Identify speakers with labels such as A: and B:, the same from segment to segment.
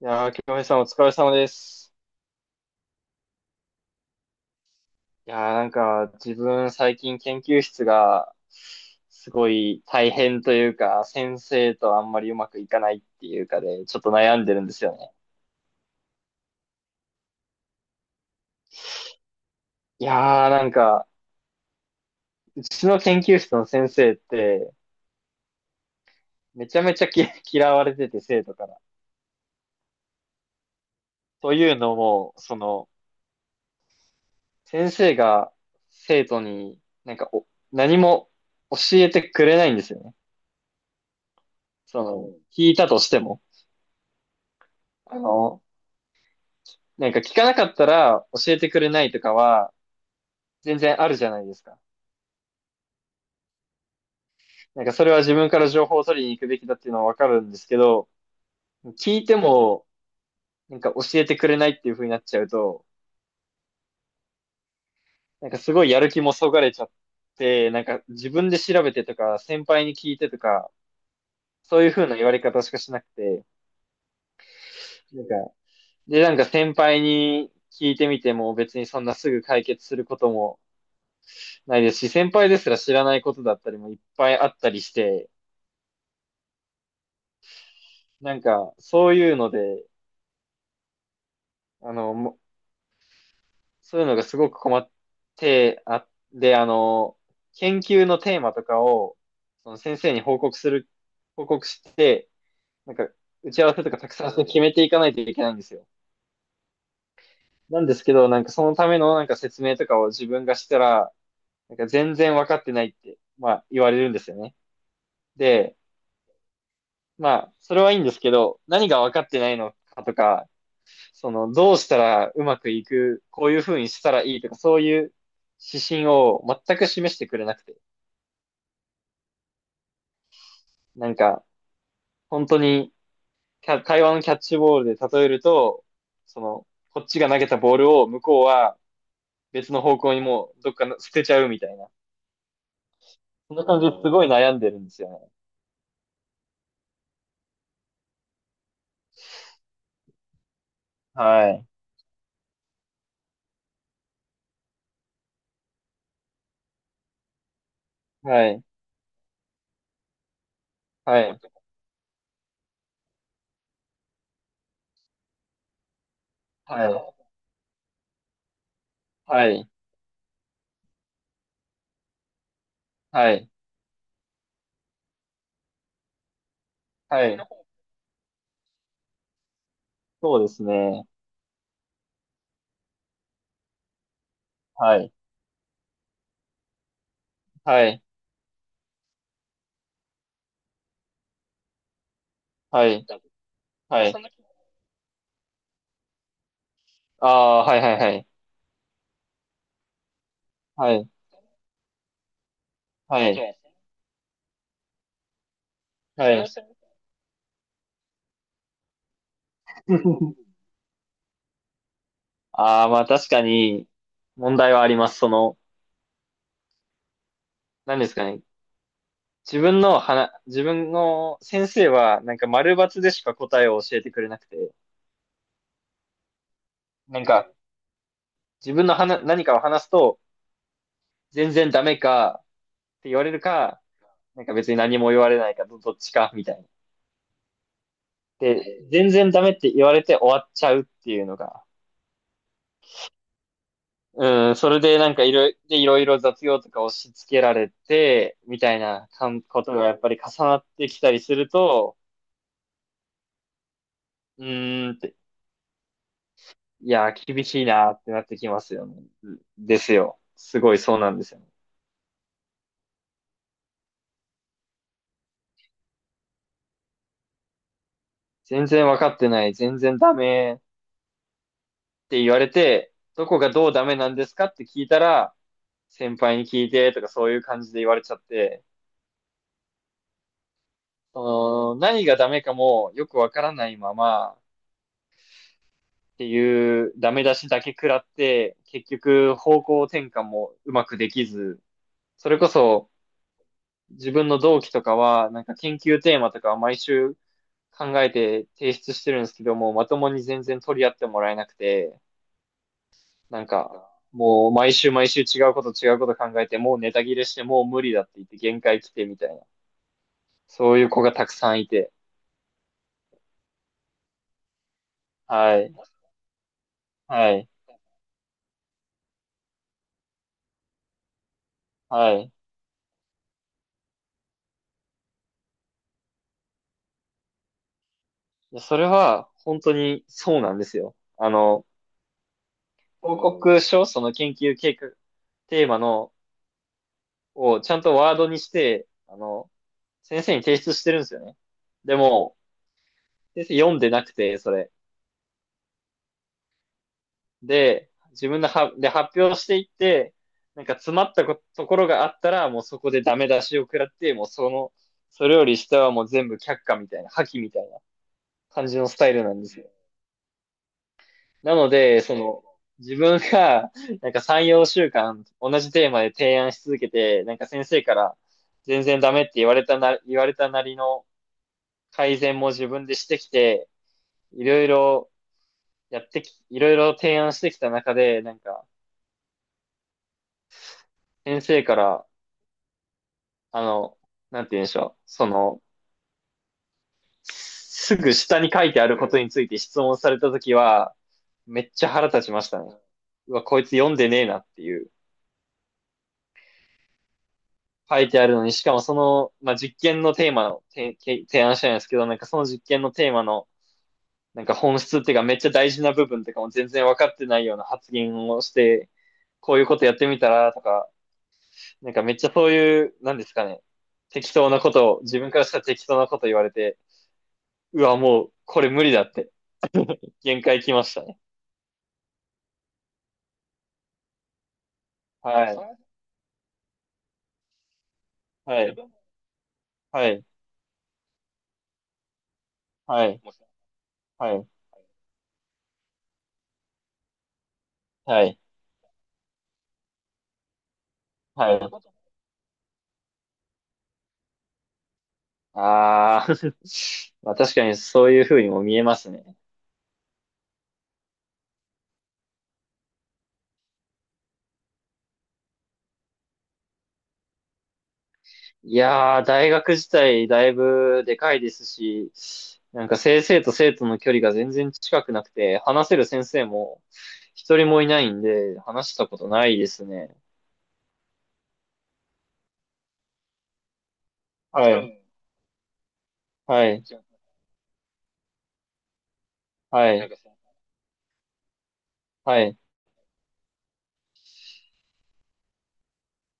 A: いやー、京平さんお疲れ様です。いやー、なんか、自分最近研究室が、すごい大変というか、先生とあんまりうまくいかないっていうかで、ちょっと悩んでるんですよね。いやー、なんか、うちの研究室の先生って、めちゃめちゃ嫌われてて、生徒から。というのも、その、先生が生徒になんかお、何も教えてくれないんですよね。その、聞いたとしても。あの、なんか聞かなかったら教えてくれないとかは全然あるじゃないですか。なんかそれは自分から情報を取りに行くべきだっていうのはわかるんですけど、聞いてもなんか教えてくれないっていう風になっちゃうと、なんかすごいやる気もそがれちゃって、なんか自分で調べてとか、先輩に聞いてとか、そういう風な言われ方しかしなくて、なんか、で、なんか先輩に聞いてみても別にそんなすぐ解決することもないですし、先輩ですら知らないことだったりもいっぱいあったりして、なんか、そういうので、あの、そういうのがすごく困ってで、あの、研究のテーマとかを、その先生に報告して、なんか、打ち合わせとかたくさん決めていかないといけないんですよ。なんですけど、なんかそのためのなんか説明とかを自分がしたら、なんか全然分かってないって、まあ言われるんですよね。で、まあ、それはいいんですけど、何が分かってないのかとか、その、どうしたらうまくいく、こういう風にしたらいいとか、そういう指針を全く示してくれなくて、なんか、本当に、会話のキャッチボールで例えると、その、こっちが投げたボールを向こうは別の方向にもうどっか捨てちゃうみたいな。そんな感じですごい悩んでるんですよね。はい。はい。はい。はい。はい。はい。はい。そうですね。はい。はい。はい。はい。ああ、はいはいはい。はい。はい。はい。ああ、まあ確かに問題はあります。その、何ですかね。自分の先生はなんか丸抜でしか答えを教えてくれなくて、なんか自分の話、何かを話すと全然ダメかって言われるか、なんか別に何も言われないどっちかみたいな。で、全然ダメって言われて終わっちゃうっていうのが、うん、それでなんかいろいろ、でいろいろ雑用とか押し付けられて、みたいなかんことがやっぱり重なってきたりすると、うーんっていやー、厳しいなーってなってきますよね。ですよ。すごいそうなんですよね。全然わかってない、全然ダメって言われて、どこがどうダメなんですかって聞いたら、先輩に聞いてとかそういう感じで言われちゃって、その何がダメかもよくわからないままっていうダメ出しだけ食らって、結局方向転換もうまくできず、それこそ自分の同期とかは、なんか研究テーマとかは毎週考えて提出してるんですけども、まともに全然取り合ってもらえなくて、なんか、もう毎週毎週違うこと違うこと考えて、もうネタ切れして、もう無理だって言って限界来てみたいな。そういう子がたくさんいて。はい。はい。はい。それは本当にそうなんですよ。あの、報告書、その研究計画、テーマの、をちゃんとワードにして、あの、先生に提出してるんですよね。でも、先生読んでなくて、それ。で、自分のは、で、発表していって、なんか詰まったところがあったら、もうそこでダメ出しを食らって、もうその、それより下はもう全部却下みたいな、破棄みたいな感じのスタイルなんですよ。なので、その、自分が、なんか3、4週間、同じテーマで提案し続けて、なんか先生から、全然ダメって言われたなりの改善も自分でしてきて、いろいろいろいろ提案してきた中で、なんか、先生から、あの、なんて言うんでしょう。その、すぐ下に書いてあることについて質問されたときは、めっちゃ腹立ちましたね。うわ、こいつ読んでねえなっていう。書いてあるのに、しかもその、まあ、実験のテーマの、提案したんですけど、なんかその実験のテーマの、なんか本質っていうかめっちゃ大事な部分とかも全然分かってないような発言をして、こういうことやってみたらとか、なんかめっちゃそういう、なんですかね、適当なことを、自分からしたら適当なこと言われて、うわ、もうこれ無理だって限界来ましたね。はい。はい。はい。はい。はい。はい。はい。ああ。まあ確かにそういう風にも見えますね。いやー、大学自体だいぶでかいですし、なんか先生と生徒の距離が全然近くなくて、話せる先生も一人もいないんで、話したことないですね。はい。はい。はい。はい。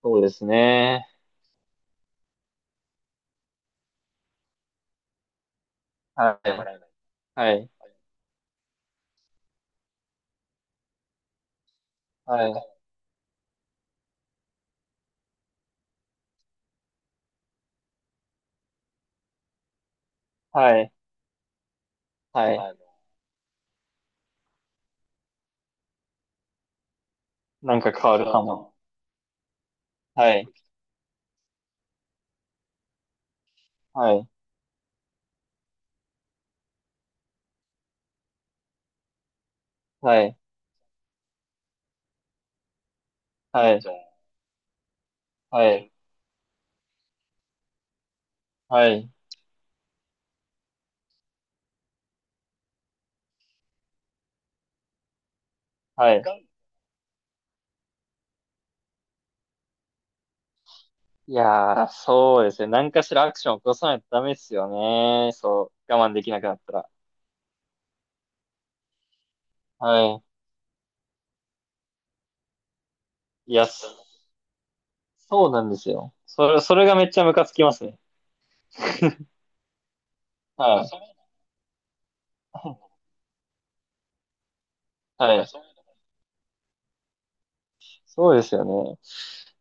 A: そうですね。はい。はい。はい。はい。はい。はい。なんか変わるかも。はい。はい。はい。はい。はい。はい。はい。いやー、そうですね。何かしらアクション起こさないとダメですよね。そう。我慢できなくなったら。はい。いや、そうなんですよ。それ、それがめっちゃムカつきますね。はい。はい。そうですよね。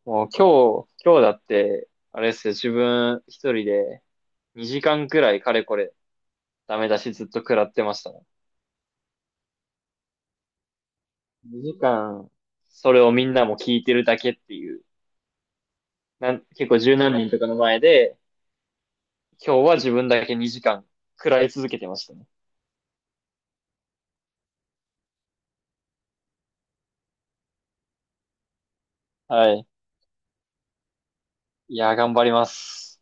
A: もう今日だって、あれですよ、自分一人で2時間くらいかれこれダメ出しずっと食らってましたね。2時間、それをみんなも聞いてるだけっていう、結構十何人とかの前で、今日は自分だけ2時間食らい続けてましたね。はい。いやー、頑張ります。